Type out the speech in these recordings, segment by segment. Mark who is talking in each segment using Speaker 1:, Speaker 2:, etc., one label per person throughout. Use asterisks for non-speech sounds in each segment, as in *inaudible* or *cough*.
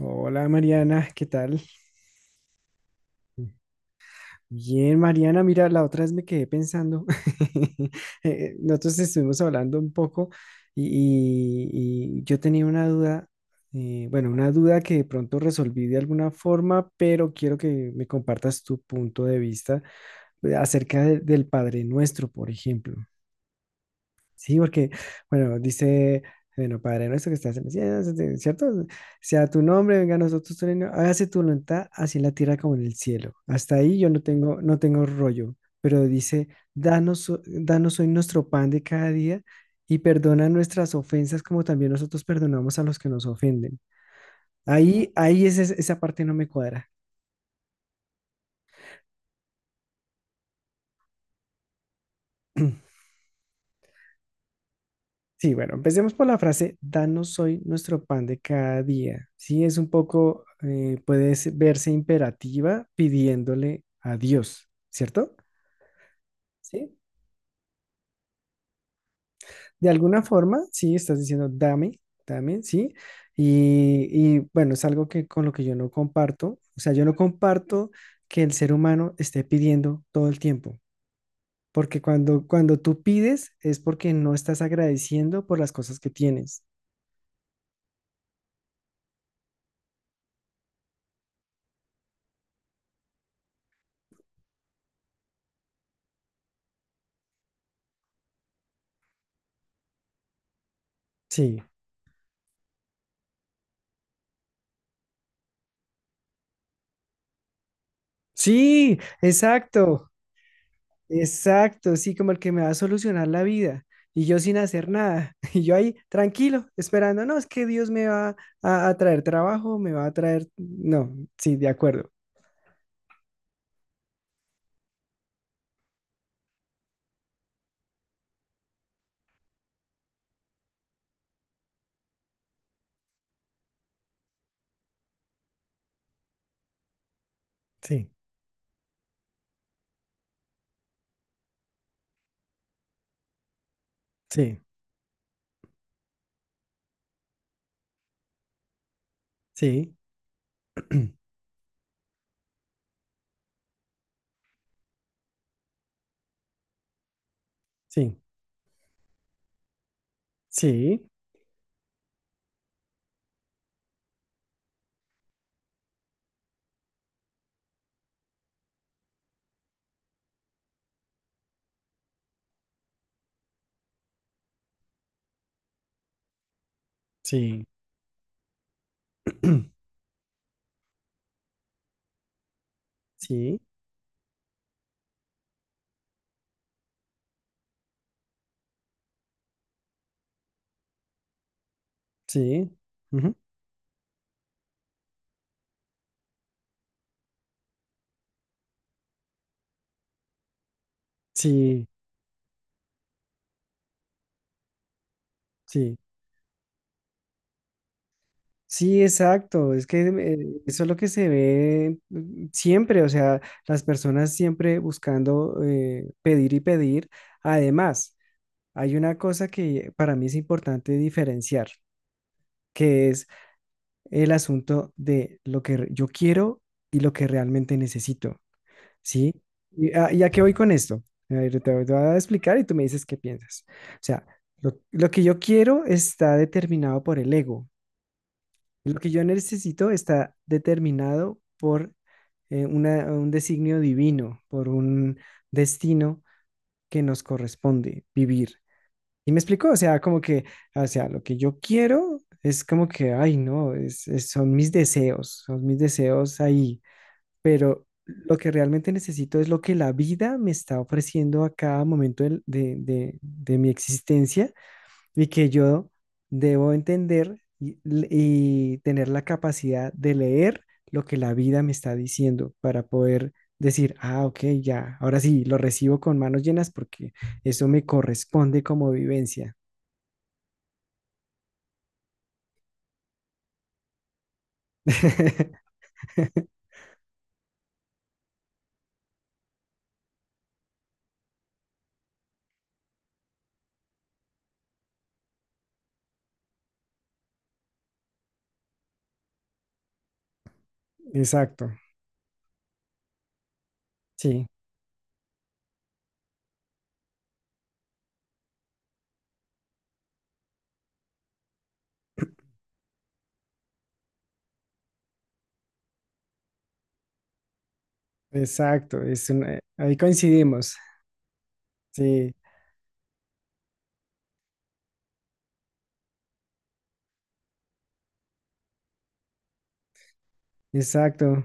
Speaker 1: Hola, Mariana, ¿qué tal? Bien, Mariana, mira, la otra vez me quedé pensando. *laughs* Nosotros estuvimos hablando un poco y, y yo tenía una duda. Bueno, una duda que de pronto resolví de alguna forma, pero quiero que me compartas tu punto de vista acerca del Padre Nuestro, por ejemplo. Sí, porque, bueno, dice, bueno, Padre nuestro que estás en el cielo, ¿cierto? Sea tu nombre, venga a nosotros tu reino, hágase tu voluntad, así en la tierra como en el cielo. Hasta ahí yo no tengo, no tengo rollo, pero dice, danos hoy nuestro pan de cada día y perdona nuestras ofensas como también nosotros perdonamos a los que nos ofenden. Esa parte no me cuadra. Sí, bueno, empecemos por la frase, danos hoy nuestro pan de cada día. Sí, es un poco, puede verse imperativa pidiéndole a Dios, ¿cierto? Sí. De alguna forma, sí, estás diciendo, dame, dame, sí. Bueno, es algo que con lo que yo no comparto. O sea, yo no comparto que el ser humano esté pidiendo todo el tiempo. Porque cuando tú pides es porque no estás agradeciendo por las cosas que tienes. Sí. Sí, exacto. Exacto, sí, como el que me va a solucionar la vida. Y yo sin hacer nada. *laughs* Y yo ahí tranquilo, esperando, no, es que Dios me va a traer trabajo, me va a traer... No, sí, de acuerdo. Sí, sí, sí, *clears throat* sí, sí, sí, *clears throat* sí, sí, ujú, sí, sí, sí, exacto. Es que eso es lo que se ve siempre, o sea, las personas siempre buscando pedir y pedir. Además, hay una cosa que para mí es importante diferenciar, que es el asunto de yo quiero y lo que realmente necesito, ¿sí? ¿Y y a qué voy con esto? A ver, te voy a explicar y tú me dices qué piensas. O sea, lo que yo quiero está determinado por el ego. Lo que yo necesito está determinado por un designio divino, por un destino que nos corresponde vivir. Y me explicó, o sea, como que, o sea, lo que yo quiero es como que, ay, no, son mis deseos ahí, pero lo que realmente necesito es lo que la vida me está ofreciendo a cada momento de mi existencia y que yo debo entender y tener la capacidad de leer lo que la vida me está diciendo para poder decir, ah, ok, ya, ahora sí, lo recibo con manos llenas porque eso me corresponde como vivencia. *laughs* Exacto, sí, exacto, es ahí coincidimos, sí, exacto,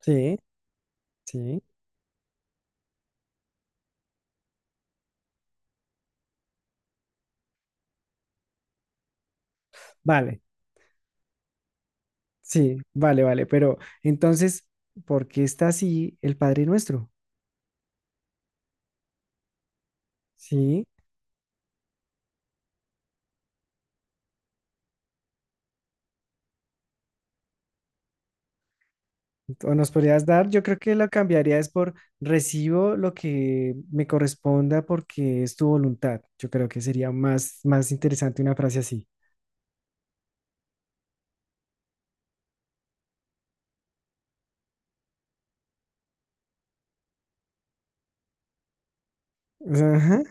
Speaker 1: sí, sí, vale, sí, vale, vale, pero entonces, ¿por qué está así el Padre Nuestro? Sí, o nos podrías dar, yo creo que lo cambiaría es por recibo lo que me corresponda porque es tu voluntad, yo creo que sería más, más interesante una frase así. Ajá,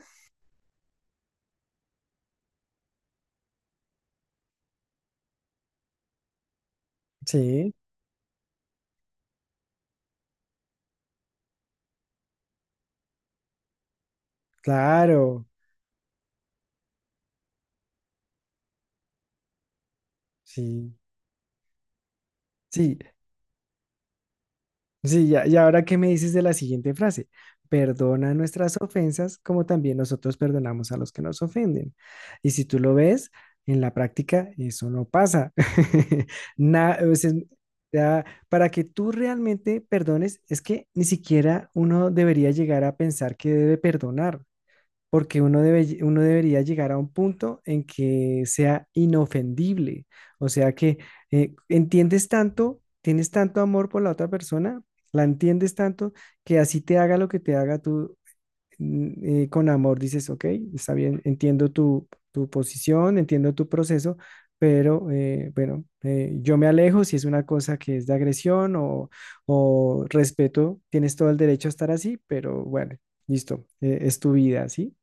Speaker 1: sí, claro, sí, sí, sí, ya, y ahora qué me dices de la siguiente frase. Perdona nuestras ofensas como también nosotros perdonamos a los que nos ofenden. Y si tú lo ves, en la práctica eso no pasa. *laughs* O sea, ya, para que tú realmente perdones, es que ni siquiera uno debería llegar a pensar que debe perdonar porque uno debe, uno debería llegar a un punto en que sea inofendible, o sea que entiendes tanto, tienes tanto amor por la otra persona, la entiendes tanto que así te haga lo que te haga tú con amor, dices, ok, está bien, entiendo tu, tu posición, entiendo tu proceso, pero bueno, yo me alejo si es una cosa que es de agresión o respeto, tienes todo el derecho a estar así, pero bueno, listo, es tu vida, ¿sí?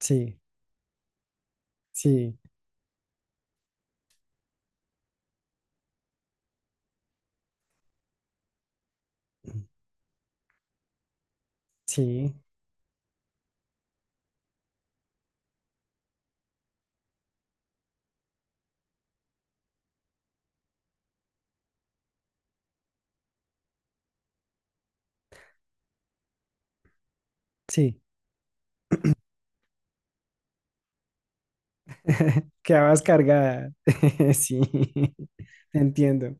Speaker 1: Sí, sí, sí, sí. Quedabas cargada. *laughs* Sí, te entiendo.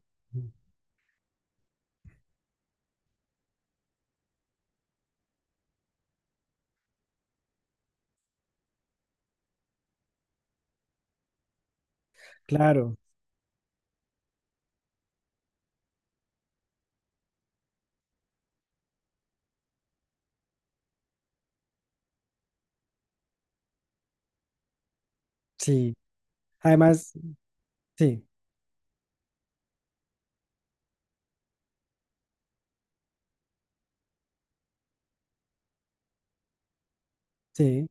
Speaker 1: Claro, sí. Además, sí, sí,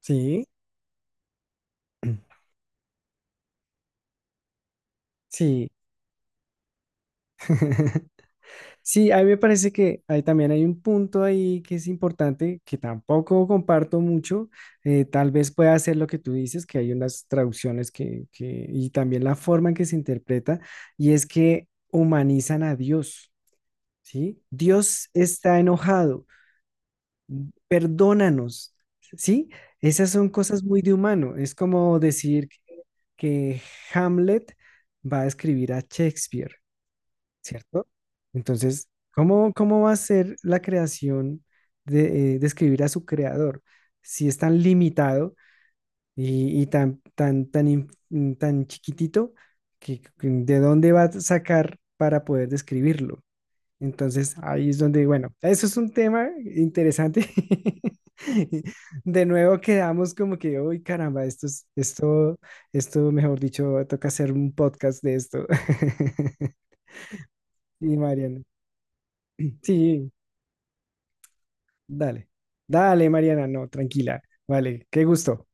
Speaker 1: sí, sí. *laughs* Sí, a mí me parece que hay, también hay un punto ahí que es importante, que tampoco comparto mucho. Tal vez pueda ser lo que tú dices, que hay unas traducciones y también la forma en que se interpreta, y es que humanizan a Dios. ¿Sí? Dios está enojado, perdónanos, ¿sí? Esas son cosas muy de humano. Es como decir que Hamlet va a escribir a Shakespeare, ¿cierto? Entonces, cómo va a ser la creación de escribir a su creador si es tan limitado y tan chiquitito que de dónde va a sacar para poder describirlo? Entonces, ahí es donde, bueno, eso es un tema interesante. *laughs* De nuevo quedamos como que, uy, caramba, esto es, esto, mejor dicho, toca hacer un podcast de esto. *laughs* Y Mariana, sí, dale, dale, Mariana, no, tranquila, vale, qué gusto.